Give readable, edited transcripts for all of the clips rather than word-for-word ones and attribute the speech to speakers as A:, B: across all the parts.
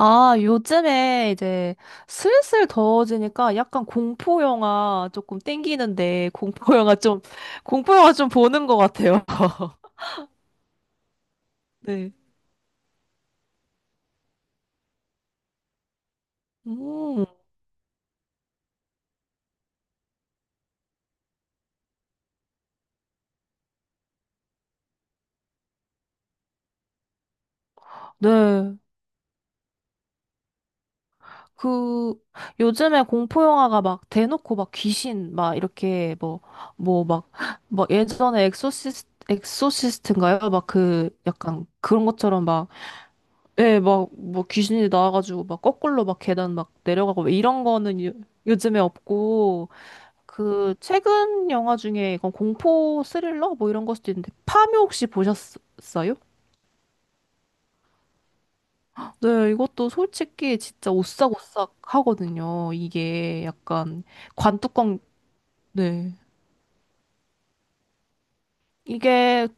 A: 아, 요즘에 이제 슬슬 더워지니까 약간 공포 영화 조금 땡기는데 공포 영화 좀 보는 것 같아요. 네. 음, 네. 그 요즘에 공포 영화가 막 대놓고 막 귀신 막 이렇게 뭐 뭐 막 예전에 엑소시스트인가요? 막 그 약간 그런 것처럼 막 예, 막 뭐 귀신이 나와가지고 막 거꾸로 막 계단 막 내려가고 이런 거는 요즘에 없고 그 최근 영화 중에 이건 공포 스릴러 뭐 이런 걸 수도 있는데 파묘 혹시 보셨어요? 네, 이것도 솔직히 진짜 오싹오싹 하거든요. 이게 약간 관뚜껑 네. 이게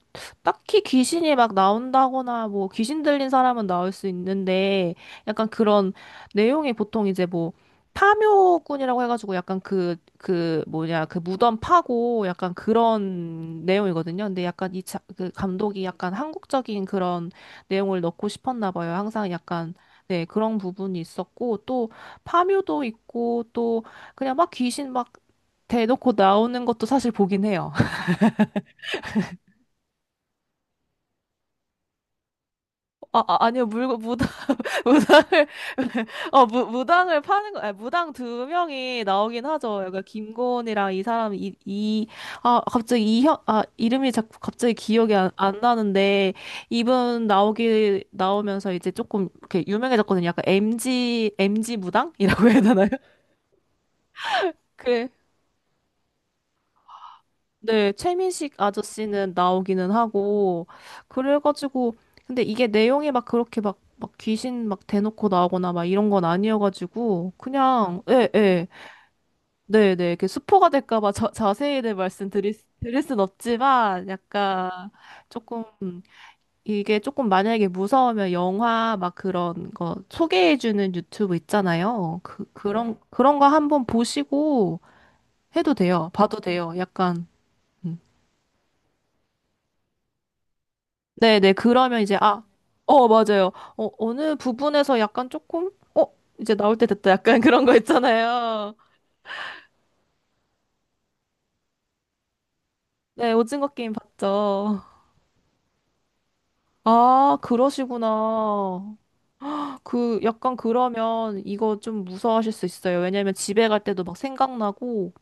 A: 딱히 귀신이 막 나온다거나 뭐 귀신 들린 사람은 나올 수 있는데 약간 그런 내용이 보통 이제 뭐 파묘꾼이라고 해가지고 약간 그 뭐냐 그 무덤 파고 약간 그런 내용이거든요. 근데 약간 그 감독이 약간 한국적인 그런 내용을 넣고 싶었나 봐요. 항상 약간 네 그런 부분이 있었고 또 파묘도 있고 또 그냥 막 귀신 막 대놓고 나오는 것도 사실 보긴 해요. 아, 아니요 무당을 무당을 파는 거 아니, 무당 두 명이 나오긴 하죠. 그러니까 김고은이랑 이 사람 이이아 갑자기 이형아 이름이 자꾸 갑자기 기억이 안 나는데 이분 나오기 나오면서 이제 조금 이렇게 유명해졌거든요. 약간 MG 무당이라고 해야 되나요? 그 네, 최민식 아저씨는 나오기는 하고, 그래가지고, 근데 이게 내용이 막 그렇게 막 귀신 막 대놓고 나오거나 막 이런 건 아니어가지고, 그냥, 예, 예, 네, 네, 이렇게 스포가 될까봐 자세히는 드릴 순 없지만, 약간, 조금, 이게 조금 만약에 무서우면 영화 막 그런 거 소개해주는 유튜브 있잖아요. 그런 거 한번 보시고 해도 돼요. 봐도 돼요. 약간. 음. 네네. 그러면 이제, 아, 맞아요. 어느 부분에서 약간 조금, 이제 나올 때 됐다. 약간 그런 거 있잖아요. 네, 오징어 게임 봤죠. 아, 그러시구나. 그, 약간 그러면 이거 좀 무서워하실 수 있어요. 왜냐면 집에 갈 때도 막 생각나고,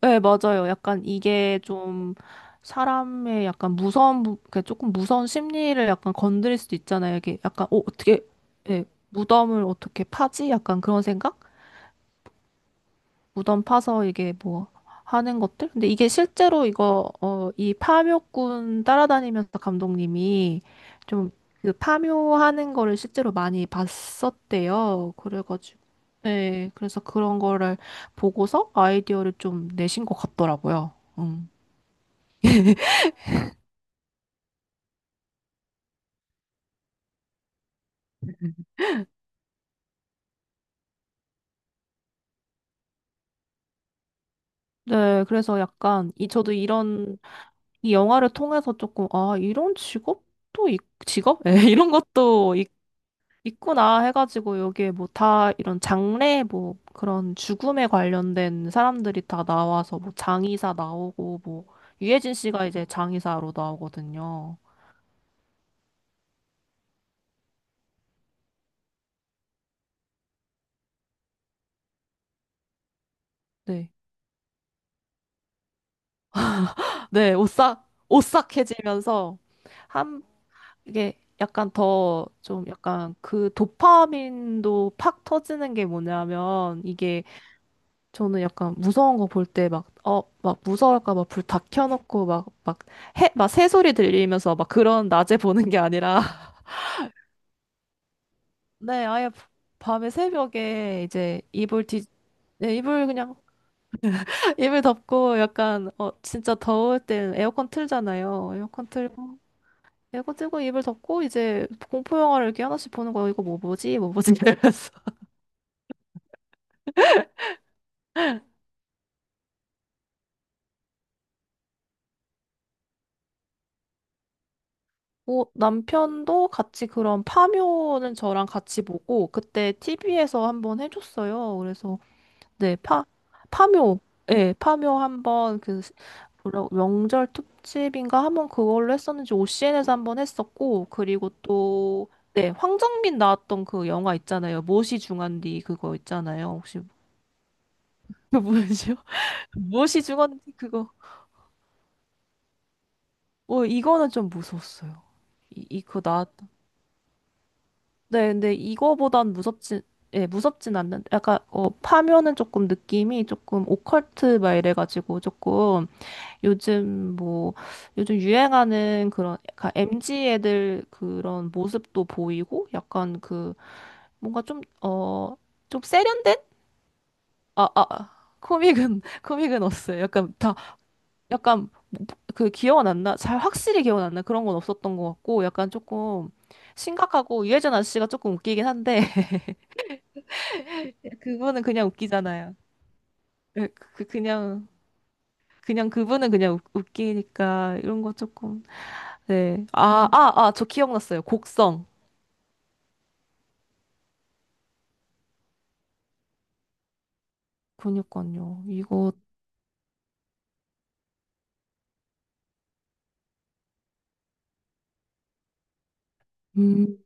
A: 네, 맞아요. 약간 이게 좀 사람의 약간 무서운, 그 조금 무서운 심리를 약간 건드릴 수도 있잖아요. 이게 약간, 어떻게, 예, 무덤을 어떻게 파지? 약간 그런 생각? 무덤 파서 이게 뭐 하는 것들? 근데 이게 실제로 이거, 이 파묘꾼 따라다니면서 감독님이 좀 그 파묘하는 거를 실제로 많이 봤었대요. 그래가지고, 네, 그래서 그런 거를 보고서 아이디어를 좀 내신 것 같더라고요. 음. 네, 그래서 약간, 저도 이런, 이 영화를 통해서 조금, 아, 이런 직업도, 직업? 예, 이런 것도 이 있구나 해가지고 여기에 뭐 다 이런 장례 뭐 그런 죽음에 관련된 사람들이 다 나와서 뭐 장의사 나오고 뭐 유해진 씨가 이제 장의사로 나오거든요. 네. 네, 오싹 오싹해지면서 한 이게 약간 더 좀 약간 그 도파민도 팍 터지는 게 뭐냐면 이게 저는 약간 무서운 거 볼 때 막 막 무서울까 막 불 다 켜놓고 막 해 막 새소리 들리면서 막 그런 낮에 보는 게 아니라 네, 아예 밤에 새벽에 이제 이불 뒤, 네, 이불 그냥, 이불 덮고 약간, 진짜 더울 땐 에어컨 틀잖아요. 에어컨 틀고 이불 덮고 이제 공포영화를 이렇게 하나씩 보는 거예요. 이거 뭐 보지? 뭐 보지? 이러면서. 오, 남편도 같이 그런 파묘는 저랑 같이 보고, 그때 TV에서 한번 해줬어요. 그래서 네, 파묘. 네, 파묘 한번 그 명절 특집인가 한번 그걸로 했었는지 OCN에서 한번 했었고 그리고 또 네, 황정민 나왔던 그 영화 있잖아요. 무엇이 중한디 그거 있잖아요. 혹시 그 뭐죠? 무엇이 중한디 그거. 어, 이거는 좀 무서웠어요. 이거 나왔던. 네, 근데 이거보단 무섭진 예, 무섭진 않는데 약간 파묘는 조금 느낌이 조금 오컬트 막 이래 가지고 조금 요즘 뭐 요즘 유행하는 그런 약간 m g 애들 그런 모습도 보이고 약간 그 뭔가 좀 세련된 아 코믹은 코믹은 없어요. 약간 다 약간 그 기억은 안 나. 잘 확실히 기억은 안 나. 그런 건 없었던 것 같고 약간 조금 심각하고 유해진 아저씨가 조금 웃기긴 한데 그거는 그냥 웃기잖아요. 예, 그냥 그분은 그냥 웃기니까 이런 거 조금 네. 아, 아, 저 기억났어요. 곡성. 그니까요. 이거 음.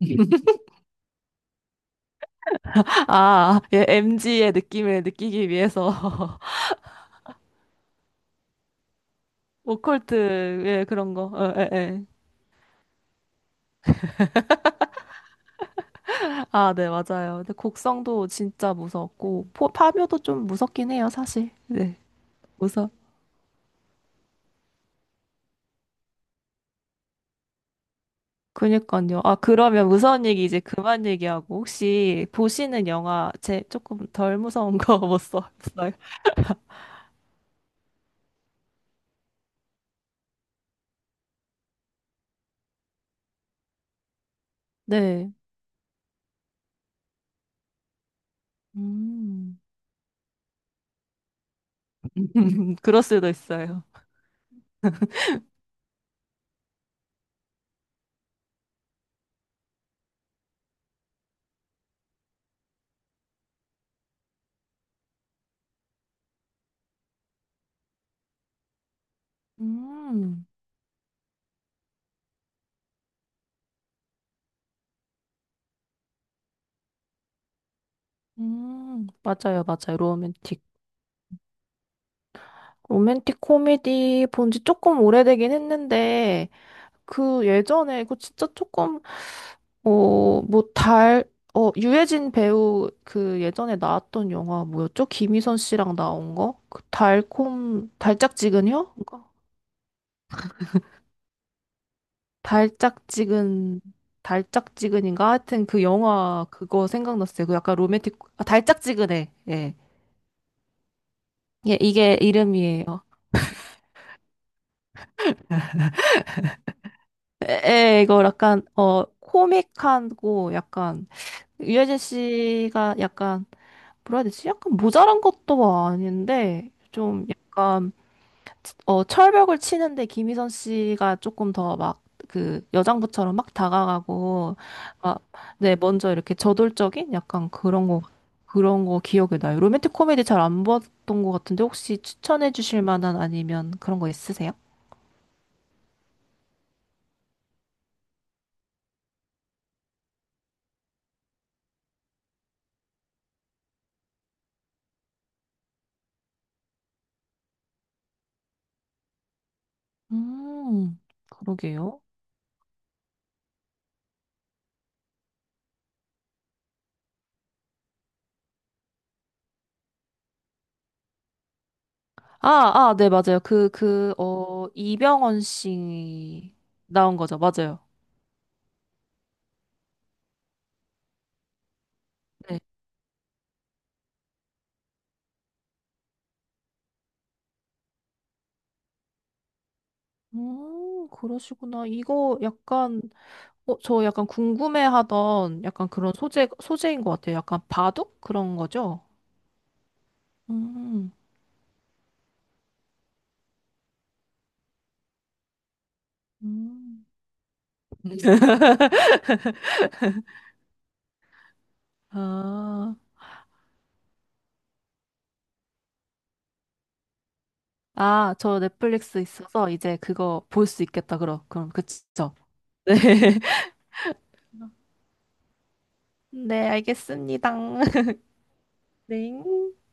A: 아, 예, MG의 느낌을 느끼기 위해서 오컬트 예, 그런 거. 어, 예, 예. 아, 네, 맞아요. 근데 곡성도 진짜 무서웠고 파묘도 좀 무섭긴 해요, 사실. 네. 무서. 그니까요. 아, 그러면 무서운 얘기 이제 그만 얘기하고 혹시 보시는 영화 제 조금 덜 무서운 거 못 써 없어요? 네. 음, 그럴 수도 있어요. 음, 맞아요, 맞아요. 로맨틱. 로맨틱 코미디 본지 조금 오래되긴 했는데, 그 예전에, 그 진짜 조금, 뭐, 달, 유해진 배우 그 예전에 나왔던 영화 뭐였죠? 김희선 씨랑 나온 거? 그 달짝지근이요? 그거? 달짝지근, 달짝지근인가? 하여튼 그 영화 그거 생각났어요. 그 약간 로맨틱, 아, 달짝지근해. 예. 예, 이게 이름이에요. 에, 에, 이거 약간, 코믹하고 약간, 유해진 씨가 약간, 뭐라 해야 되지? 약간 모자란 것도 뭐 아닌데, 좀 약간, 철벽을 치는데 김희선 씨가 조금 더 막, 그, 여장부처럼 막 다가가고, 막, 네, 먼저 이렇게 저돌적인 약간 그런 거, 그런 거 기억이 나요. 로맨틱 코미디 잘 안 봤던 것 같은데, 혹시 추천해 주실 만한 아니면 그런 거 있으세요? 음, 그러게요. 아, 아, 네, 맞아요. 이병헌 씨 나온 거죠. 맞아요. 네. 그러시구나. 이거 약간, 저 약간 궁금해하던 약간 그런 소재인 것 같아요. 약간 바둑? 그런 거죠? 음, 음. 아, 아, 저 넷플릭스 있어서 이제 그거 볼 수 있겠다. 그럼, 그럼, 그쵸? 네. 네, 알겠습니다. 네.